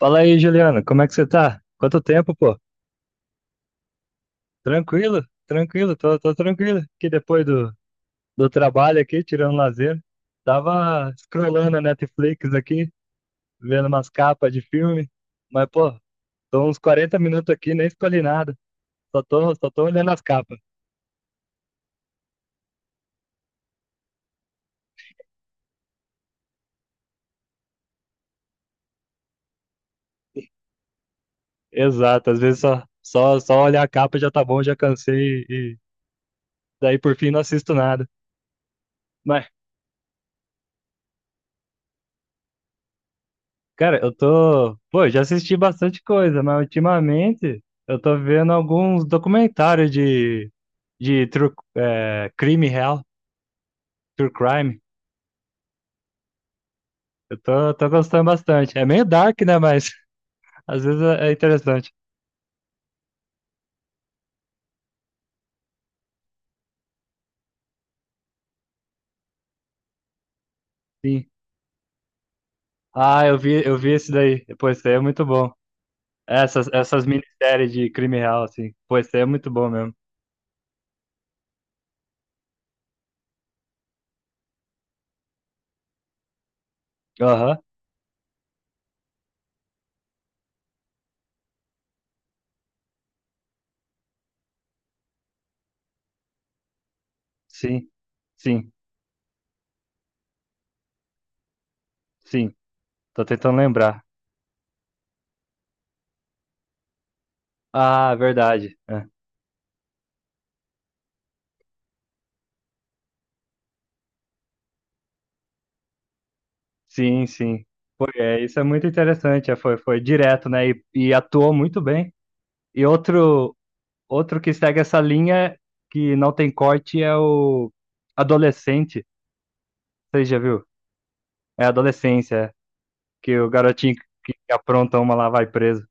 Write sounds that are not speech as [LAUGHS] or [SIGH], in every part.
Fala aí, Juliano, como é que você tá? Quanto tempo, pô? Tranquilo, tranquilo, tô tranquilo. Que depois do trabalho aqui, tirando lazer, tava scrollando a Netflix aqui, vendo umas capas de filme, mas, pô, tô uns 40 minutos aqui, nem escolhi nada, só tô olhando as capas. Exato, às vezes só olhar a capa já tá bom, já cansei e daí por fim não assisto nada. Mas cara, eu tô. Pô, eu já assisti bastante coisa, mas ultimamente eu tô vendo alguns documentários de crime real, true crime. Eu tô gostando bastante. É meio dark, né? Mas [LAUGHS] às vezes é interessante. Sim. Ah, eu vi esse daí. Pô, esse daí é muito bom. Essas minisséries de crime real, assim. Pô, esse daí é muito bom mesmo. Aham, sim, sim, sim. Tô tentando lembrar. Ah, verdade. Sim, sim. Foi, é, isso é muito interessante. É, foi, foi direto, né? E atuou muito bem. E outro, outro que segue essa linha que não tem corte é o adolescente. Você já viu? É adolescência, é, que o garotinho que apronta uma lá vai preso.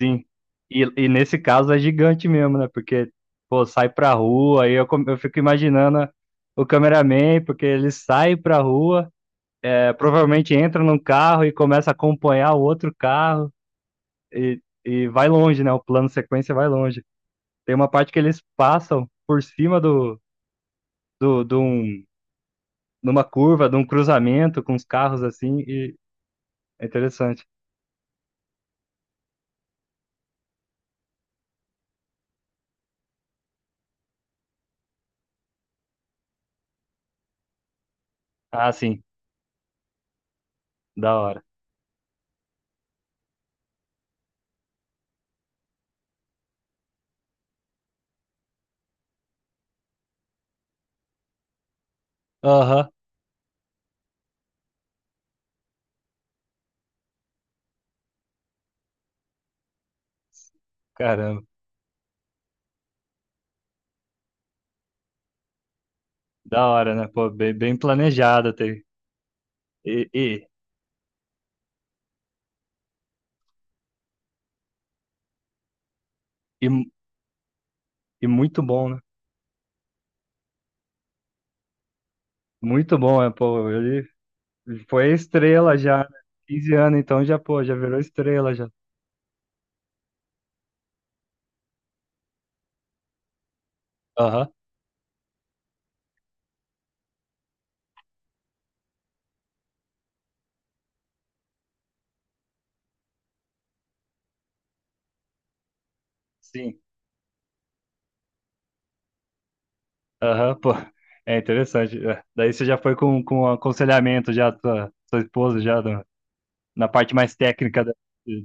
Sim. E nesse caso é gigante mesmo, né? Porque, pô, sai pra rua, eu fico imaginando o cameraman, porque ele sai pra rua, é, provavelmente entra num carro e começa a acompanhar o outro carro. E vai longe, né? O plano sequência vai longe. Tem uma parte que eles passam por cima de um, numa curva, de um cruzamento com os carros assim, e é interessante. Ah, sim, da hora. Aham, caramba, da hora, né? Pô, bem, bem planejado. Tem. E, e, e, e muito bom, né? Muito bom, é, pô, ele foi estrela já, né? 15 anos, então já, pô, já virou estrela já. Aham, sim. Aham, pô. É interessante. É. Daí você já foi com um aconselhamento já da sua, sua esposa, já na parte mais técnica da,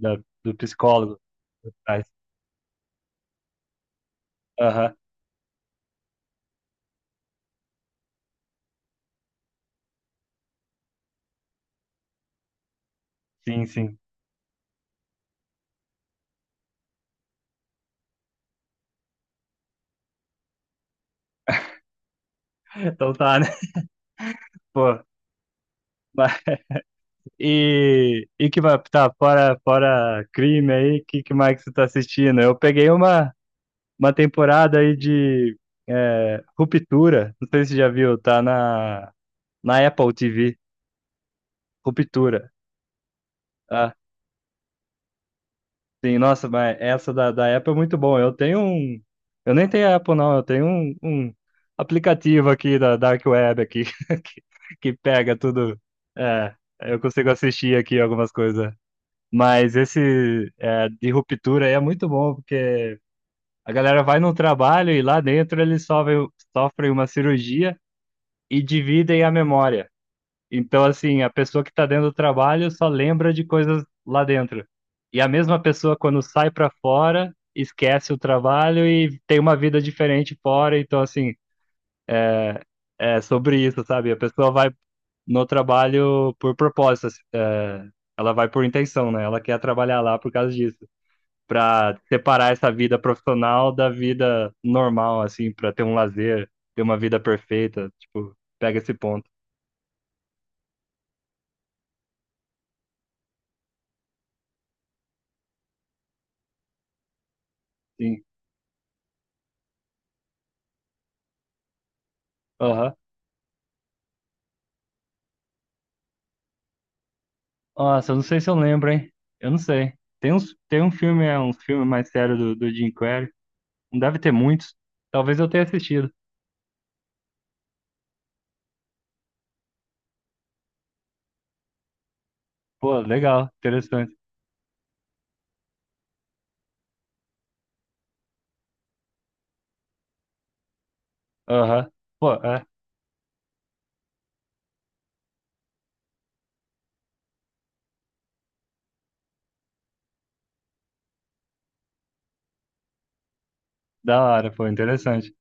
da- do psicólogo. Mas, aham, sim, sim. Então tá, né? [LAUGHS] Pô. Mas, e que vai, tá, fora crime aí, que mais que você tá assistindo? Eu peguei uma temporada aí de é, Ruptura, não sei se você já viu, tá na Apple TV, Ruptura. Sim, nossa, mas essa da Apple é muito bom. Eu tenho um. Eu nem tenho Apple, não. Eu tenho um aplicativo aqui da Dark Web aqui [LAUGHS] que, que pega tudo. É, eu consigo assistir aqui algumas coisas. Mas esse é, de ruptura aí é muito bom, porque a galera vai no trabalho e lá dentro eles sofrem, sofrem uma cirurgia e dividem a memória. Então, assim, a pessoa que está dentro do trabalho só lembra de coisas lá dentro. E a mesma pessoa, quando sai para fora, esquece o trabalho e tem uma vida diferente fora. Então, assim, é sobre isso, sabe? A pessoa vai no trabalho por propósito, assim, é, ela vai por intenção, né? Ela quer trabalhar lá por causa disso. Para separar essa vida profissional da vida normal, assim, para ter um lazer, ter uma vida perfeita. Tipo, pega esse ponto. Sim. Aham. Nossa, eu não sei se eu lembro, hein? Eu não sei. Tem uns, tem um filme, é um filme mais sério do Jim Carrey. Não deve ter muitos. Talvez eu tenha assistido. Pô, legal, interessante. Aham. Pô, é, da hora, pô, interessante.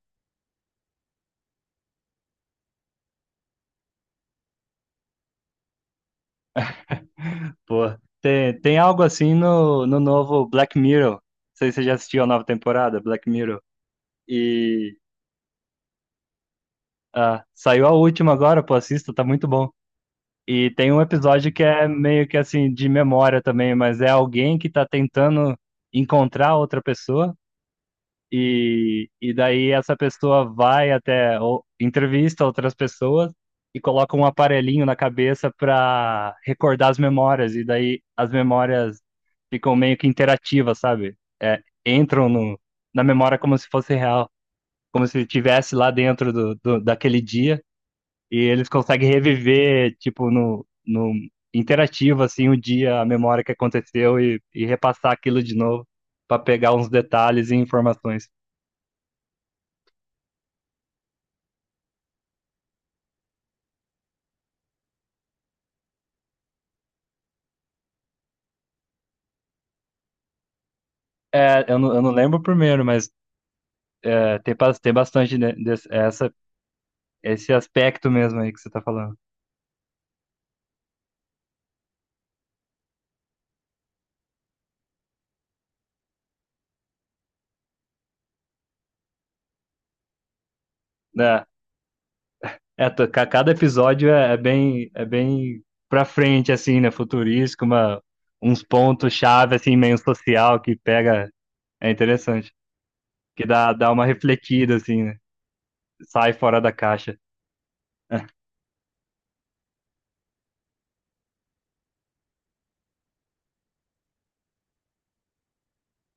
Pô, tem, tem algo assim no, no novo Black Mirror. Não sei se você já assistiu a nova temporada, Black Mirror. E ah, saiu a última agora, pô, assista, tá muito bom. E tem um episódio que é meio que assim, de memória também, mas é alguém que tá tentando encontrar outra pessoa. E daí essa pessoa vai até, ou, entrevista outras pessoas e coloca um aparelhinho na cabeça para recordar as memórias. E daí as memórias ficam meio que interativas, sabe? É, entram na memória como se fosse real, como se estivesse lá dentro daquele dia. E eles conseguem reviver, tipo, no interativo, assim, o dia, a memória que aconteceu e repassar aquilo de novo para pegar uns detalhes e informações. É, eu não lembro o primeiro, mas é, tem, tem bastante desse, essa, esse aspecto mesmo aí que você tá falando. É, é, cada episódio é, é bem pra frente, assim, né? Futurístico, uma, uns pontos-chave, assim, meio social que pega. É interessante. Que dá, dá uma refletida, assim, né? Sai fora da caixa. [LAUGHS]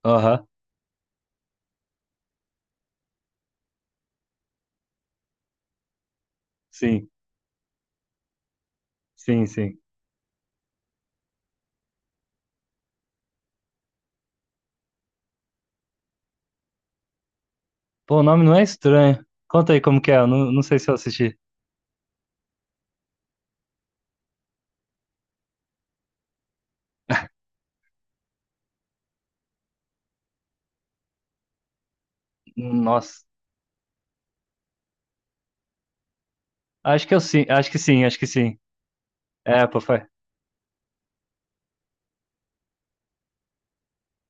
Aham, sim, sim, sim. Pô, o nome não é estranho. Conta aí como que é, eu não, não sei se eu assisti. Nossa, acho que eu sim, acho que sim, acho que sim. É, pô, foi.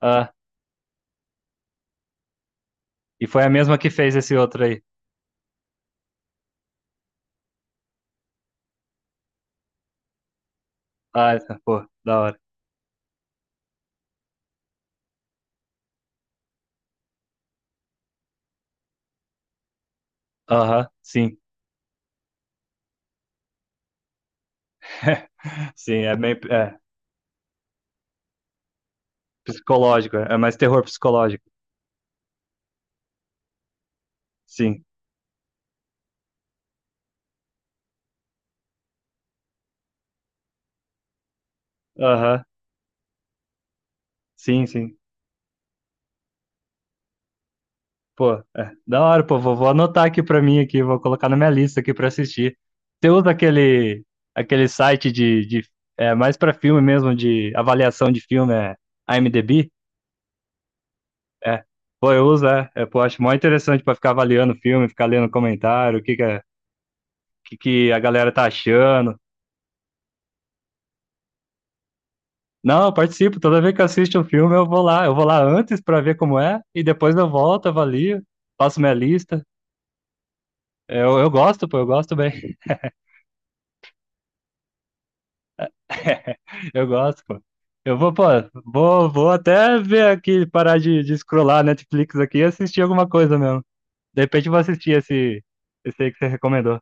Ah, e foi a mesma que fez esse outro aí. Ah, tá, pô, da hora. Aham, sim. [LAUGHS] Sim, é meio é, psicológico, é mais terror psicológico. Sim. Aham, sim, sim. Pô, é, da hora, pô, vou anotar aqui pra mim aqui, vou colocar na minha lista aqui pra assistir. Você usa aquele site de é, mais pra filme mesmo, de avaliação de filme, é IMDb? É. Pô, eu uso, é, é, pô, acho mó interessante pra ficar avaliando o filme, ficar lendo comentário, o que que é que a galera tá achando. Não, eu participo. Toda vez que eu assisto um filme, eu vou lá. Eu vou lá antes pra ver como é, e depois eu volto, avalio, faço minha lista. Eu gosto, pô, eu gosto bem. [LAUGHS] Eu gosto, pô. Eu vou, pô, vou até ver aqui, parar de scrollar Netflix aqui e assistir alguma coisa mesmo. De repente eu vou assistir esse, esse aí que você recomendou.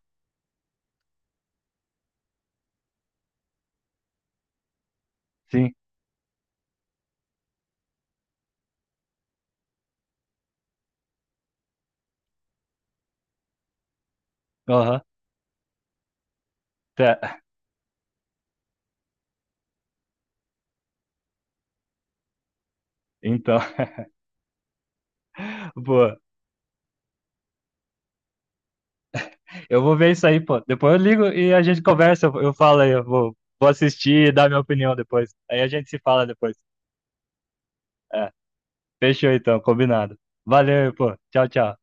Sim, aham. Tá. Então, [LAUGHS] pô, eu vou ver isso aí, pô. Depois eu ligo e a gente conversa. Eu falo aí, eu vou, vou assistir e dar minha opinião depois. Aí a gente se fala depois. É, fechou então, combinado. Valeu, pô. Tchau, tchau.